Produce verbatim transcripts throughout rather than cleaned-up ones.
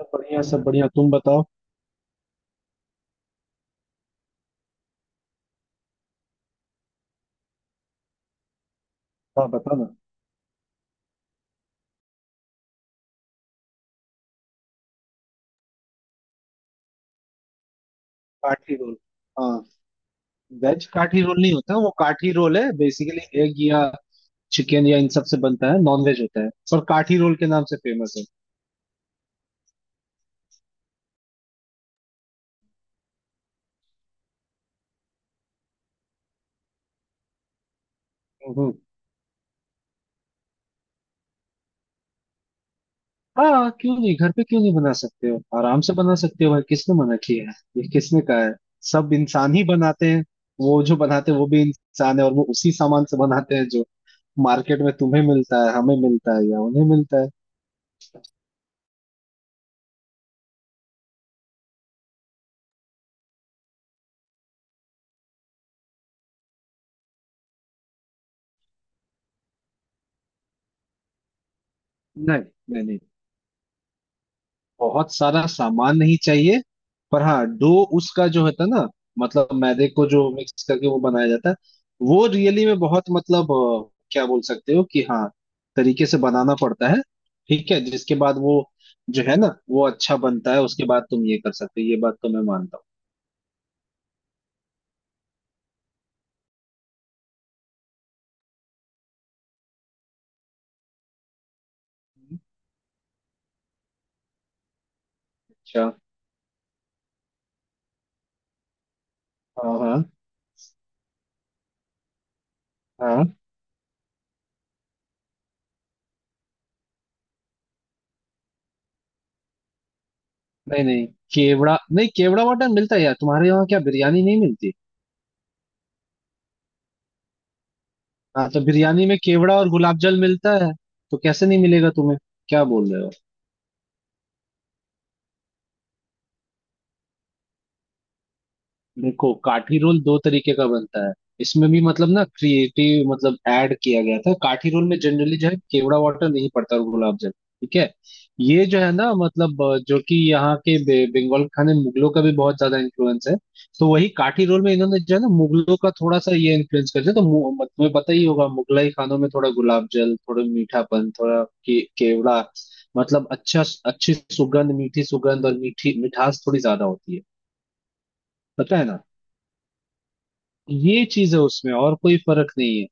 सब बढ़िया, सब बढ़िया। तुम बताओ। हाँ, बता ना। काठी रोल? हाँ। वेज काठी रोल नहीं होता, वो काठी रोल है बेसिकली एग या चिकन या इन सब से बनता है, नॉन वेज होता है, पर काठी रोल के नाम से फेमस है। हम्म। हाँ, क्यों नहीं घर पे क्यों नहीं बना सकते हो, आराम से बना सकते हो भाई। किसने मना किया है, ये किसने कहा है। सब इंसान ही बनाते हैं। वो जो बनाते हैं वो भी इंसान है, और वो उसी सामान से बनाते हैं जो मार्केट में तुम्हें मिलता है, हमें मिलता है या उन्हें मिलता है। नहीं नहीं नहीं बहुत सारा सामान नहीं चाहिए। पर हाँ, डो उसका जो होता है ना, मतलब मैदे को जो मिक्स करके वो बनाया जाता है, वो रियली में बहुत, मतलब अ, क्या बोल सकते हो कि हाँ, तरीके से बनाना पड़ता है। ठीक है, जिसके बाद वो जो है ना, वो अच्छा बनता है, उसके बाद तुम ये कर सकते हो, ये बात तो मैं मानता हूँ। अच्छा। हाँ, हाँ, हाँ। नहीं नहीं। केवड़ा नहीं, केवड़ा वाटर मिलता है यार। तुम्हारे यहाँ क्या बिरयानी नहीं मिलती? हाँ, तो बिरयानी में केवड़ा और गुलाब जल मिलता है। तो कैसे नहीं मिलेगा तुम्हें, क्या बोल रहे हो। देखो, काठी रोल दो तरीके का बनता है। इसमें भी मतलब ना क्रिएटिव मतलब ऐड किया गया था। काठी रोल में जनरली जो है केवड़ा वाटर नहीं पड़ता और गुलाब जल। ठीक है, ये जो है ना मतलब अ, जो कि यहाँ के बे- बंगाल के खाने में मुगलों का भी बहुत ज्यादा इन्फ्लुएंस है। तो वही काठी रोल में इन्होंने जो है ना मुगलों का थोड़ा सा ये इन्फ्लुएंस कर दिया। तो मु- मत- तुम्हें पता ही होगा, मुगलाई खानों में थोड़ा गुलाब जल, थोड़ा मीठापन, थोड़ा के, केवड़ा, मतलब अच्छा, अच्छी सुगंध, मीठी सुगंध और मीठी मिठास थोड़ी ज्यादा होती है। पता है ना, ये चीज है उसमें, और कोई फर्क नहीं है।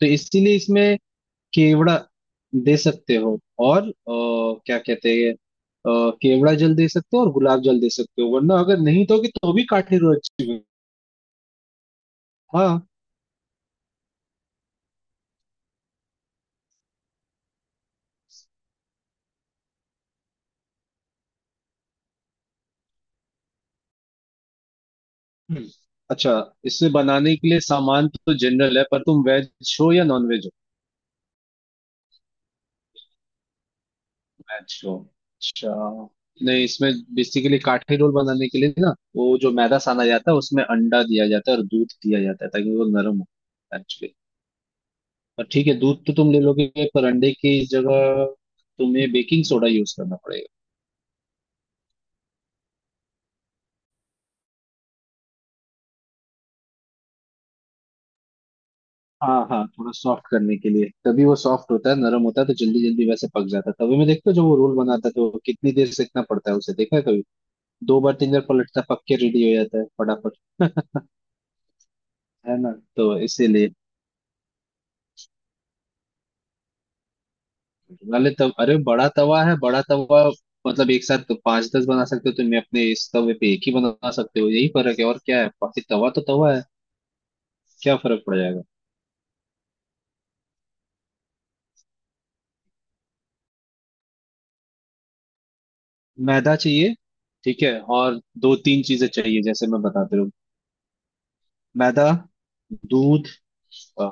तो इसीलिए इसमें केवड़ा दे सकते हो और अ, क्या कहते हैं, अ, केवड़ा जल दे सकते हो और गुलाब जल दे सकते हो, वरना अगर नहीं दोगे तो भी काठे रोज। हाँ। हम्म। अच्छा, इससे बनाने के लिए सामान तो जनरल है, पर तुम वेज हो या नॉन वेज हो। वेज हो, अच्छा। नहीं, इसमें बेसिकली काठे रोल बनाने के लिए ना वो जो मैदा साना जाता है उसमें अंडा दिया जाता है और दूध दिया जाता है ताकि वो नरम हो। और ठीक है, दूध तो तुम ले लोगे, पर अंडे की जगह तुम्हें बेकिंग सोडा यूज करना पड़ेगा। हाँ हाँ, थोड़ा सॉफ्ट करने के लिए, तभी वो सॉफ्ट होता है, नरम होता है तो जल्दी जल्दी वैसे पक जाता है। तभी मैं देखता हूँ जब वो रोल बनाता है तो कितनी देर सेकना पड़ता है उसे, देखा है कभी? दो बार तीन बार पलटता, पक के रेडी हो जाता है फटाफट। है ना, तो इसीलिए वाले तब, अरे बड़ा तवा है, बड़ा तवा। मतलब एक साथ तो पांच दस बना सकते हो तुम, अपने इस तवे पे एक ही बना सकते हो, यही फर्क है और क्या है, बाकी तवा तो तवा है, क्या फर्क पड़ जाएगा। मैदा चाहिए, ठीक है, और दो तीन चीजें चाहिए, जैसे मैं बताते रहूँ। मैदा, दूध, अ,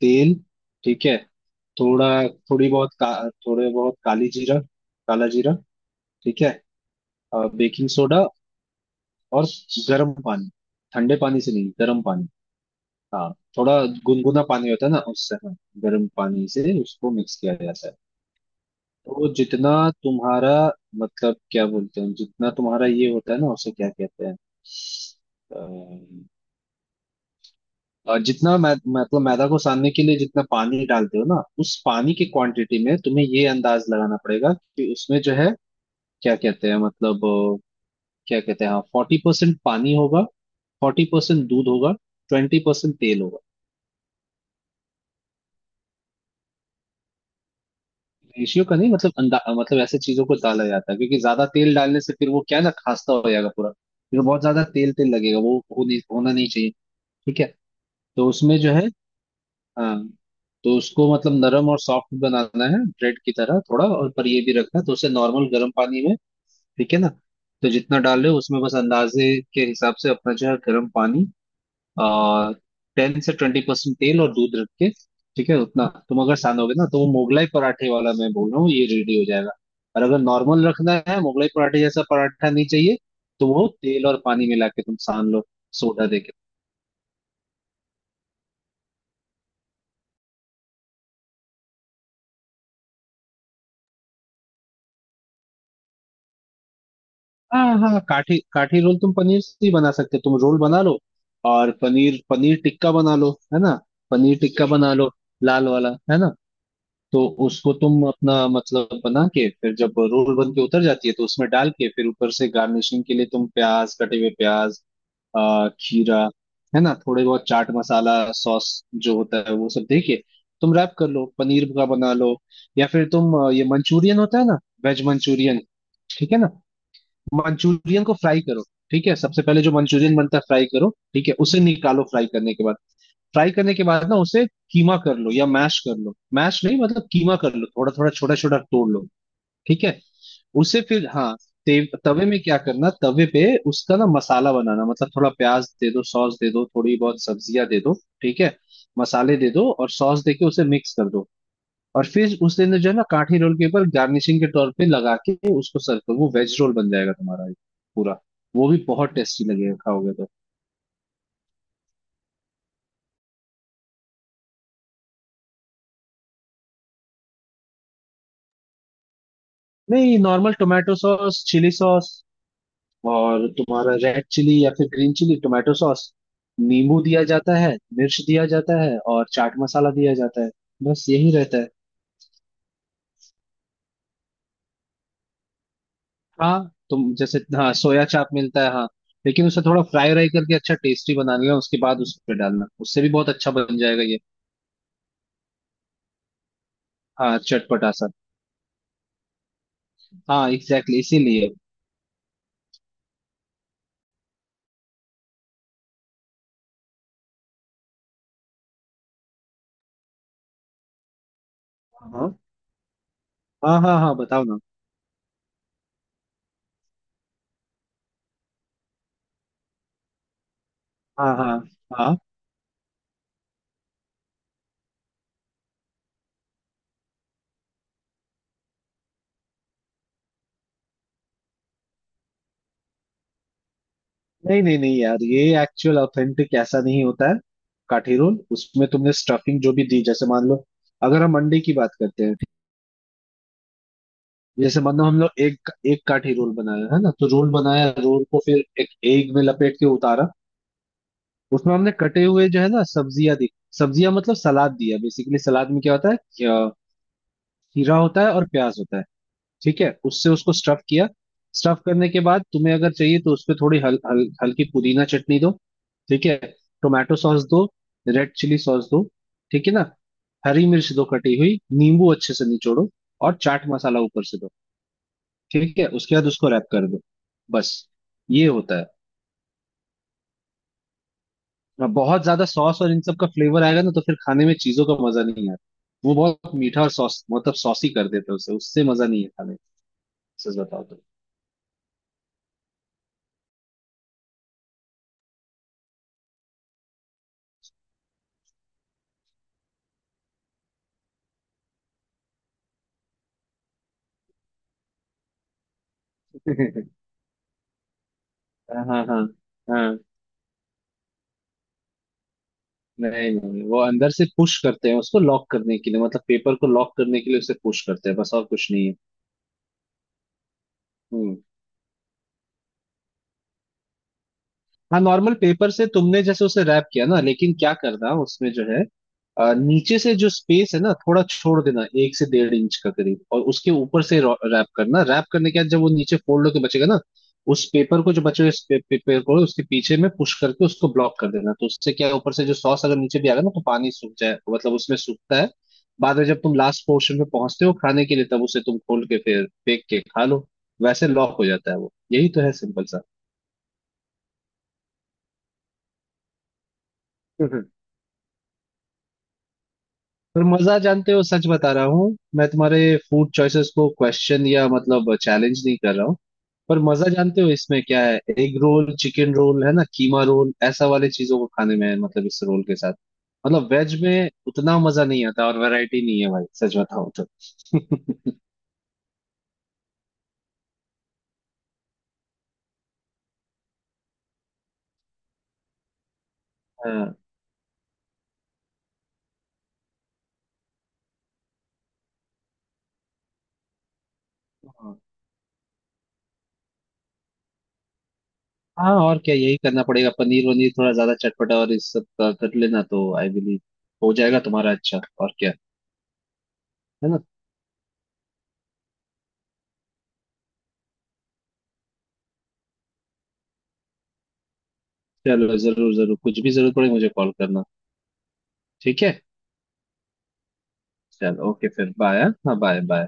तेल, ठीक है, थोड़ा, थोड़ी बहुत का, थोड़े बहुत काली जीरा, काला जीरा, ठीक है, और बेकिंग सोडा, और गर्म पानी। ठंडे पानी से नहीं, गर्म पानी। हाँ, थोड़ा गुनगुना पानी होता है ना उससे, हाँ, गर्म पानी से उसको मिक्स किया जाता है। तो जितना तुम्हारा, मतलब क्या बोलते हैं, जितना तुम्हारा ये होता है ना उसे क्या कहते हैं, अम, और जितना मै, मतलब मैदा को सानने के लिए जितना पानी डालते हो ना, उस पानी की क्वांटिटी में तुम्हें ये अंदाज लगाना पड़ेगा कि उसमें जो है, क्या कहते हैं मतलब अ, क्या कहते हैं, हाँ, फोर्टी परसेंट पानी होगा, फोर्टी परसेंट दूध होगा, ट्वेंटी परसेंट तेल होगा। रेशियो का नहीं, मतलब अंदा मतलब ऐसे चीजों को डाला जाता है क्योंकि ज्यादा तेल डालने से फिर वो क्या है ना, खास्ता हो जाएगा पूरा, फिर बहुत ज्यादा तेल तेल लगेगा, वो हो नहीं, होना नहीं चाहिए। ठीक है, तो उसमें जो है, हाँ, तो उसको मतलब नरम और सॉफ्ट बनाना है, ब्रेड की तरह थोड़ा, और पर ये भी रखना है तो उसे नॉर्मल गर्म पानी में, ठीक है ना। तो जितना डाल रहे हो उसमें बस अंदाजे के हिसाब से अपना जो है गर्म पानी, आ, टेन से ट्वेंटी परसेंट तेल और दूध रख के, ठीक है, उतना तुम अगर सानोगे ना तो वो मोगलाई पराठे वाला, मैं बोल रहा हूँ ये रेडी हो जाएगा। और अगर नॉर्मल रखना है, मोगलाई पराठे जैसा पराठा नहीं चाहिए, तो वो तेल और पानी मिला के तुम सान लो, सोडा दे के। हाँ हाँ, काठी काठी रोल तुम पनीर से ही बना सकते हो। तुम रोल बना लो और पनीर, पनीर टिक्का बना लो, है ना, पनीर टिक्का बना लो, लाल वाला, है ना। तो उसको तुम अपना मतलब बना के फिर जब रोल बन के उतर जाती है तो उसमें डाल के, फिर ऊपर से गार्निशिंग के लिए तुम प्याज, कटे हुए प्याज, आ, खीरा, है ना, थोड़े बहुत चाट मसाला, सॉस जो होता है वो सब दे के तुम रैप कर लो, पनीर का बना लो। या फिर तुम आ, ये मंचूरियन होता है ना, वेज मंचूरियन, ठीक है ना, मंचूरियन को फ्राई करो, ठीक है, सबसे पहले जो मंचूरियन बनता है फ्राई करो, ठीक है, उसे निकालो फ्राई करने के बाद, फ्राई करने के बाद ना उसे कीमा कर लो या मैश कर लो, मैश नहीं मतलब कीमा कर लो, थोड़ा थोड़ा छोटा छोटा तोड़ लो, ठीक है, उसे फिर हाँ, ते- तवे में क्या करना, तवे पे उसका ना मसाला बनाना, मतलब थोड़ा प्याज दे दो, सॉस दे दो, थोड़ी बहुत सब्जियां दे दो, ठीक है, मसाले दे दो और सॉस दे के उसे मिक्स कर दो, और फिर उसे ना जो है ना काठी रोल के ऊपर गार्निशिंग के तौर पे लगा के उसको सर्व करो, वो वेज रोल बन जाएगा तुम्हारा एक, पूरा, वो भी बहुत टेस्टी लगेगा खाओगे तो। नहीं, normal tomato sauce, chilli sauce, और तुम्हारा रेड चिली या फिर ग्रीन चिली, टोमेटो सॉस, नींबू दिया जाता है, मिर्च दिया जाता है और चाट मसाला दिया जाता है, बस यही रहता है। हाँ, तुम जैसे, हाँ सोया चाप मिलता है, हाँ, लेकिन उसे थोड़ा फ्राई व्राई करके अच्छा टेस्टी बना लेना, उसके बाद उस पे डालना, उससे भी बहुत अच्छा बन जाएगा ये। हाँ, चटपटा सा। हाँ एग्जैक्टली, exactly, इसीलिए। हाँ हाँ हाँ, हाँ बताओ ना, हाँ हाँ हाँ। नहीं नहीं नहीं यार, ये एक्चुअल ऑथेंटिक ऐसा नहीं होता है। काठी रोल उसमें तुमने स्टफिंग जो भी दी, जैसे मान लो अगर हम अंडे की बात करते हैं, जैसे मान लो हम लोग एक एक काठी रोल बनाया है ना, तो रोल बनाया, रोल को फिर एक एग में लपेट के उतारा, उसमें हमने कटे हुए जो है ना सब्जियां दी, सब्जियां मतलब सलाद दिया, बेसिकली सलाद में क्या होता है, क्या- खीरा होता है और प्याज होता है, ठीक है, उससे उसको स्टफ किया। स्टफ करने के बाद तुम्हें अगर चाहिए तो उसपे थोड़ी हल, हल, हल्की पुदीना चटनी दो, ठीक है, टोमेटो सॉस दो, रेड चिली सॉस दो, ठीक है ना, हरी मिर्च दो कटी हुई, नींबू अच्छे से निचोड़ो और चाट मसाला ऊपर से दो, ठीक है, उसके बाद उसको रैप कर दो, बस, ये होता है। अब बहुत ज्यादा सॉस और इन सब का फ्लेवर आएगा ना तो फिर खाने में चीजों का मजा नहीं आता, वो बहुत मीठा और सॉस मतलब सॉसी कर देते हैं उसे, उससे मजा नहीं है खाने में, सच बताओ तो। हाँ हाँ हाँ। नहीं नहीं, वो अंदर से पुश करते हैं उसको लॉक करने के लिए, मतलब पेपर को लॉक करने के लिए उसे पुश करते हैं, बस, और कुछ नहीं है। हम्म। हाँ नॉर्मल पेपर से तुमने जैसे उसे रैप किया ना, लेकिन क्या करना उसमें जो है, अ, नीचे से जो स्पेस है ना थोड़ा छोड़ देना, एक से डेढ़ इंच का करीब, और उसके ऊपर से रैप करना, रैप करने के बाद जब वो नीचे फोल्ड होके बचेगा ना, उस पेपर को जो बचे हुए पे, पेपर को उसके पीछे में पुश करके उसको ब्लॉक कर देना, तो उससे क्या है, ऊपर से जो सॉस अगर नीचे भी आ गया ना तो पानी सूख जाए, मतलब उसमें सूखता है। बाद में जब तुम लास्ट पोर्शन पे पहुंचते हो खाने के लिए तब उसे तुम खोल के फिर फेंक के खा लो, वैसे लॉक हो जाता है वो, यही तो है सिंपल सा। पर मजा जानते हो, सच बता रहा हूँ, मैं तुम्हारे फूड चॉइसेस को क्वेश्चन या मतलब चैलेंज नहीं कर रहा हूँ, पर मजा जानते हो इसमें क्या है, एग रोल, चिकन रोल है ना, कीमा रोल, ऐसा वाले चीजों को खाने में है, मतलब इस रोल के साथ, मतलब वेज में उतना मजा नहीं आता और वैरायटी नहीं है भाई, सच बताओ तो। हाँ हाँ, और क्या, यही करना पड़ेगा, पनीर वनीर थोड़ा ज्यादा चटपटा और इस सब का कर लेना तो आई बिलीव हो जाएगा तुम्हारा अच्छा, और क्या, है ना। चलो जरूर जरूर, कुछ भी जरूरत पड़े मुझे कॉल करना, ठीक है। चलो, ओके, फिर बाय, हाँ बाय बाय।